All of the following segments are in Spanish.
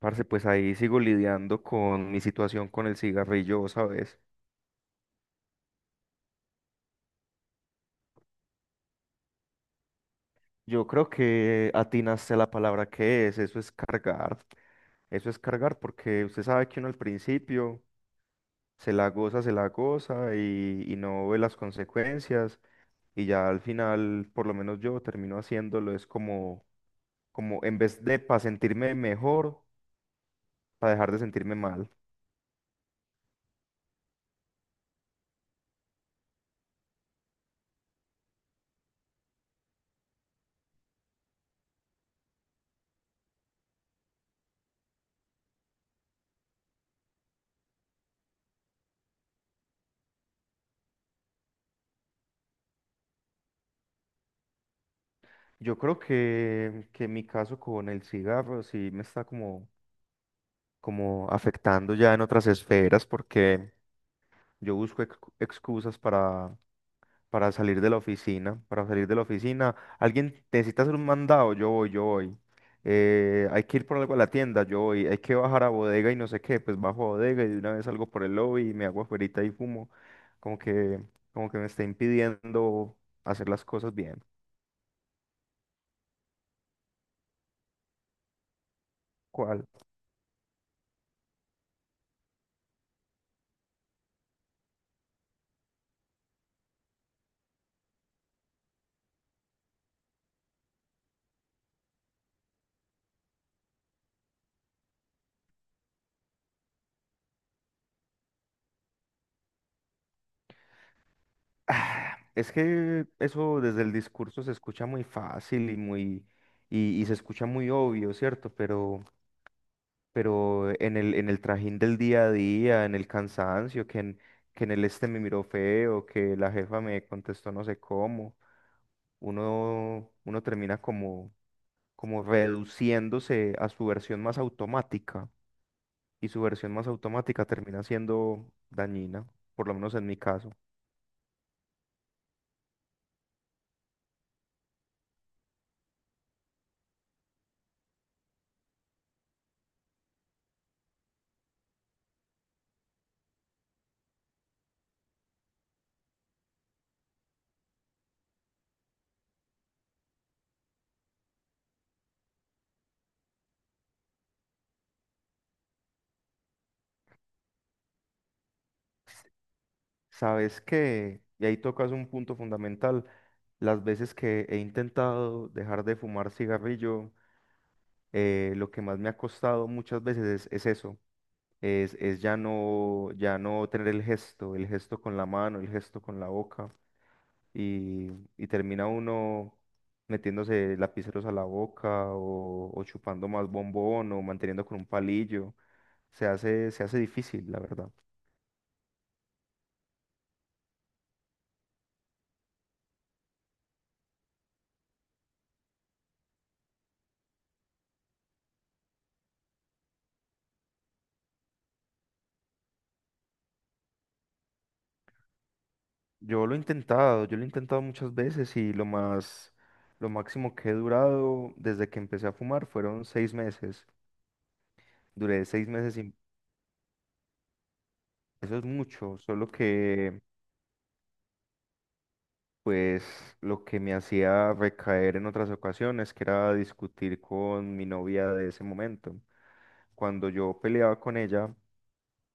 Parce, pues ahí sigo lidiando con mi situación con el cigarrillo, ¿sabes? Yo creo que atinaste a la palabra que es, eso es cargar porque usted sabe que uno al principio se la goza y no ve las consecuencias y ya al final, por lo menos yo termino haciéndolo, es como en vez de para sentirme mejor, para dejar de sentirme mal. Yo creo que mi caso con el cigarro sí me está como afectando ya en otras esferas, porque yo busco excusas para salir de la oficina, para salir de la oficina. Alguien necesita hacer un mandado, yo voy, yo voy. Hay que ir por algo a la tienda, yo voy. Hay que bajar a bodega y no sé qué, pues bajo a bodega y de una vez salgo por el lobby y me hago afuerita y fumo. Como que, como que me está impidiendo hacer las cosas bien. ¿Cuál? Ah, es que eso desde el discurso se escucha muy fácil y muy y se escucha muy obvio, ¿cierto? Pero en el trajín del día a día, en el cansancio, que en el este me miró feo, que la jefa me contestó no sé cómo, uno termina como reduciéndose a su versión más automática y su versión más automática termina siendo dañina, por lo menos en mi caso. Sabes que, y ahí tocas un punto fundamental, las veces que he intentado dejar de fumar cigarrillo, lo que más me ha costado muchas veces es eso, es ya no tener el gesto con la mano, el gesto con la boca, y, y termina uno metiéndose lapiceros a la boca o chupando más bombón o manteniendo con un palillo, se hace difícil, la verdad. Yo lo he intentado, yo lo he intentado muchas veces y lo máximo que he durado desde que empecé a fumar fueron 6 meses. Duré 6 meses sin... Eso es mucho, solo que pues lo que me hacía recaer en otras ocasiones, que era discutir con mi novia de ese momento. Cuando yo peleaba con ella,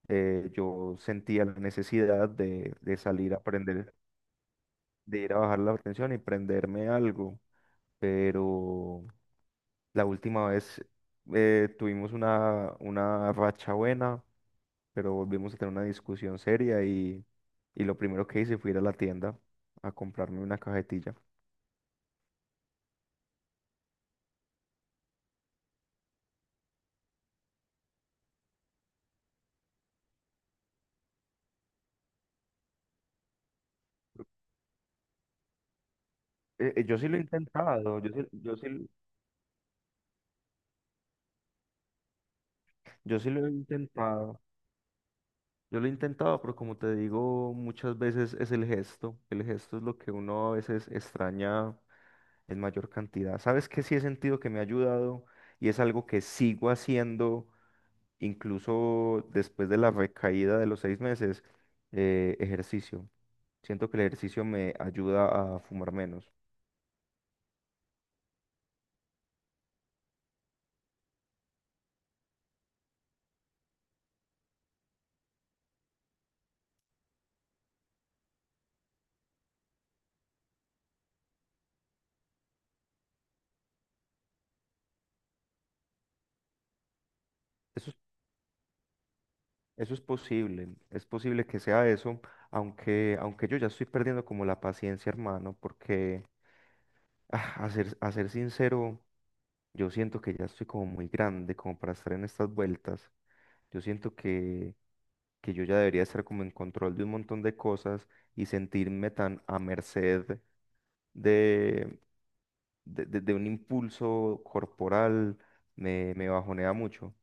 yo sentía la necesidad de salir a prender, de ir a bajar la tensión y prenderme algo, pero la última vez tuvimos una racha buena, pero volvimos a tener una discusión seria y lo primero que hice fue ir a la tienda a comprarme una cajetilla. Yo sí lo he intentado, yo sí, yo sí, yo sí lo he intentado, yo lo he intentado, pero como te digo, muchas veces es el gesto es lo que uno a veces extraña en mayor cantidad. ¿Sabes qué sí he sentido que me ha ayudado y es algo que sigo haciendo? Incluso después de la recaída de los 6 meses, ejercicio. Siento que el ejercicio me ayuda a fumar menos. Eso es, eso es posible que sea eso, aunque, aunque yo ya estoy perdiendo como la paciencia, hermano, porque a ser sincero, yo siento que ya estoy como muy grande como para estar en estas vueltas. Yo siento que yo ya debería estar como en control de un montón de cosas y sentirme tan a merced de un impulso corporal me bajonea mucho.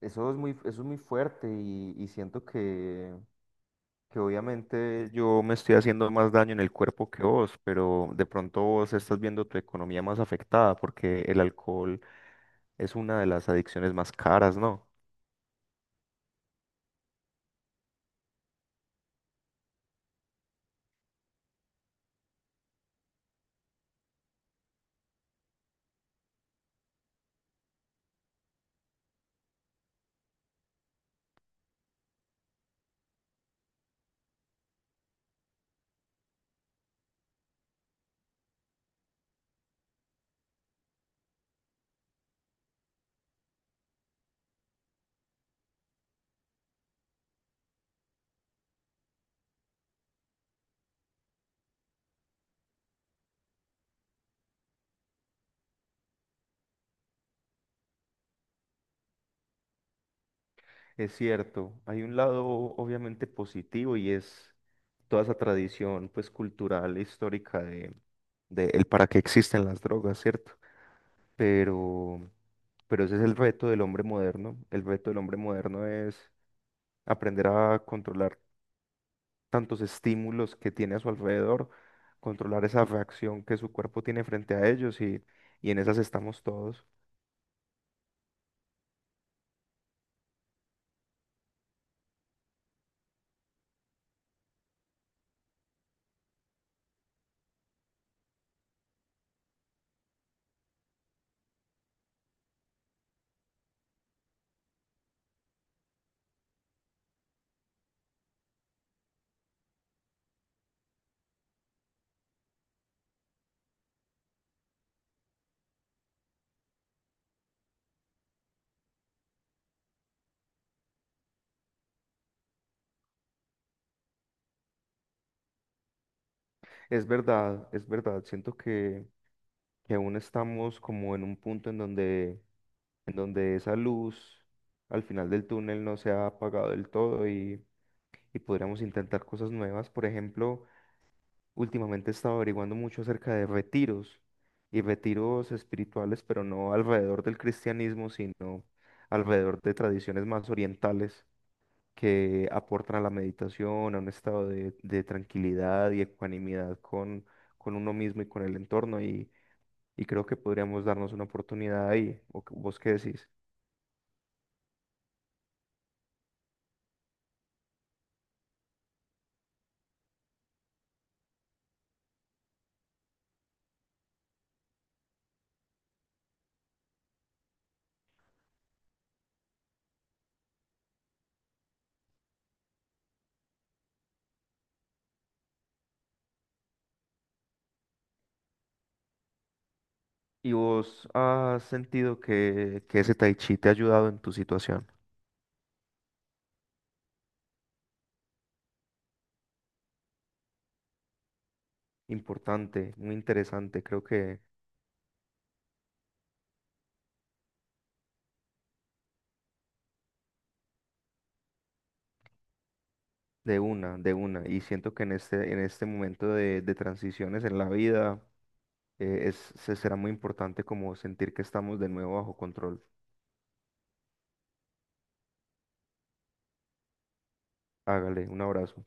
Eso es muy fuerte y siento que obviamente yo me estoy haciendo más daño en el cuerpo que vos, pero de pronto vos estás viendo tu economía más afectada porque el alcohol es una de las adicciones más caras, ¿no? Es cierto, hay un lado obviamente positivo y es toda esa tradición pues cultural e histórica de el para qué existen las drogas, ¿cierto? pero, pero ese es el reto del hombre moderno. El reto del hombre moderno es aprender a controlar tantos estímulos que tiene a su alrededor, controlar esa reacción que su cuerpo tiene frente a ellos y en esas estamos todos. Es verdad, siento que aún estamos como en un punto en donde esa luz al final del túnel no se ha apagado del todo y podríamos intentar cosas nuevas, por ejemplo. Últimamente he estado averiguando mucho acerca de retiros y retiros espirituales, pero no alrededor del cristianismo, sino alrededor de tradiciones más orientales que aportan a la meditación, a un estado de tranquilidad y ecuanimidad con uno mismo y con el entorno. Y creo que podríamos darnos una oportunidad ahí. ¿O vos qué decís? ¿Y vos has sentido que ese tai chi te ha ayudado en tu situación? Importante, muy interesante. Creo que... De una, de una. Y siento que en este momento de transiciones en la vida se será muy importante como sentir que estamos de nuevo bajo control. Hágale, un abrazo.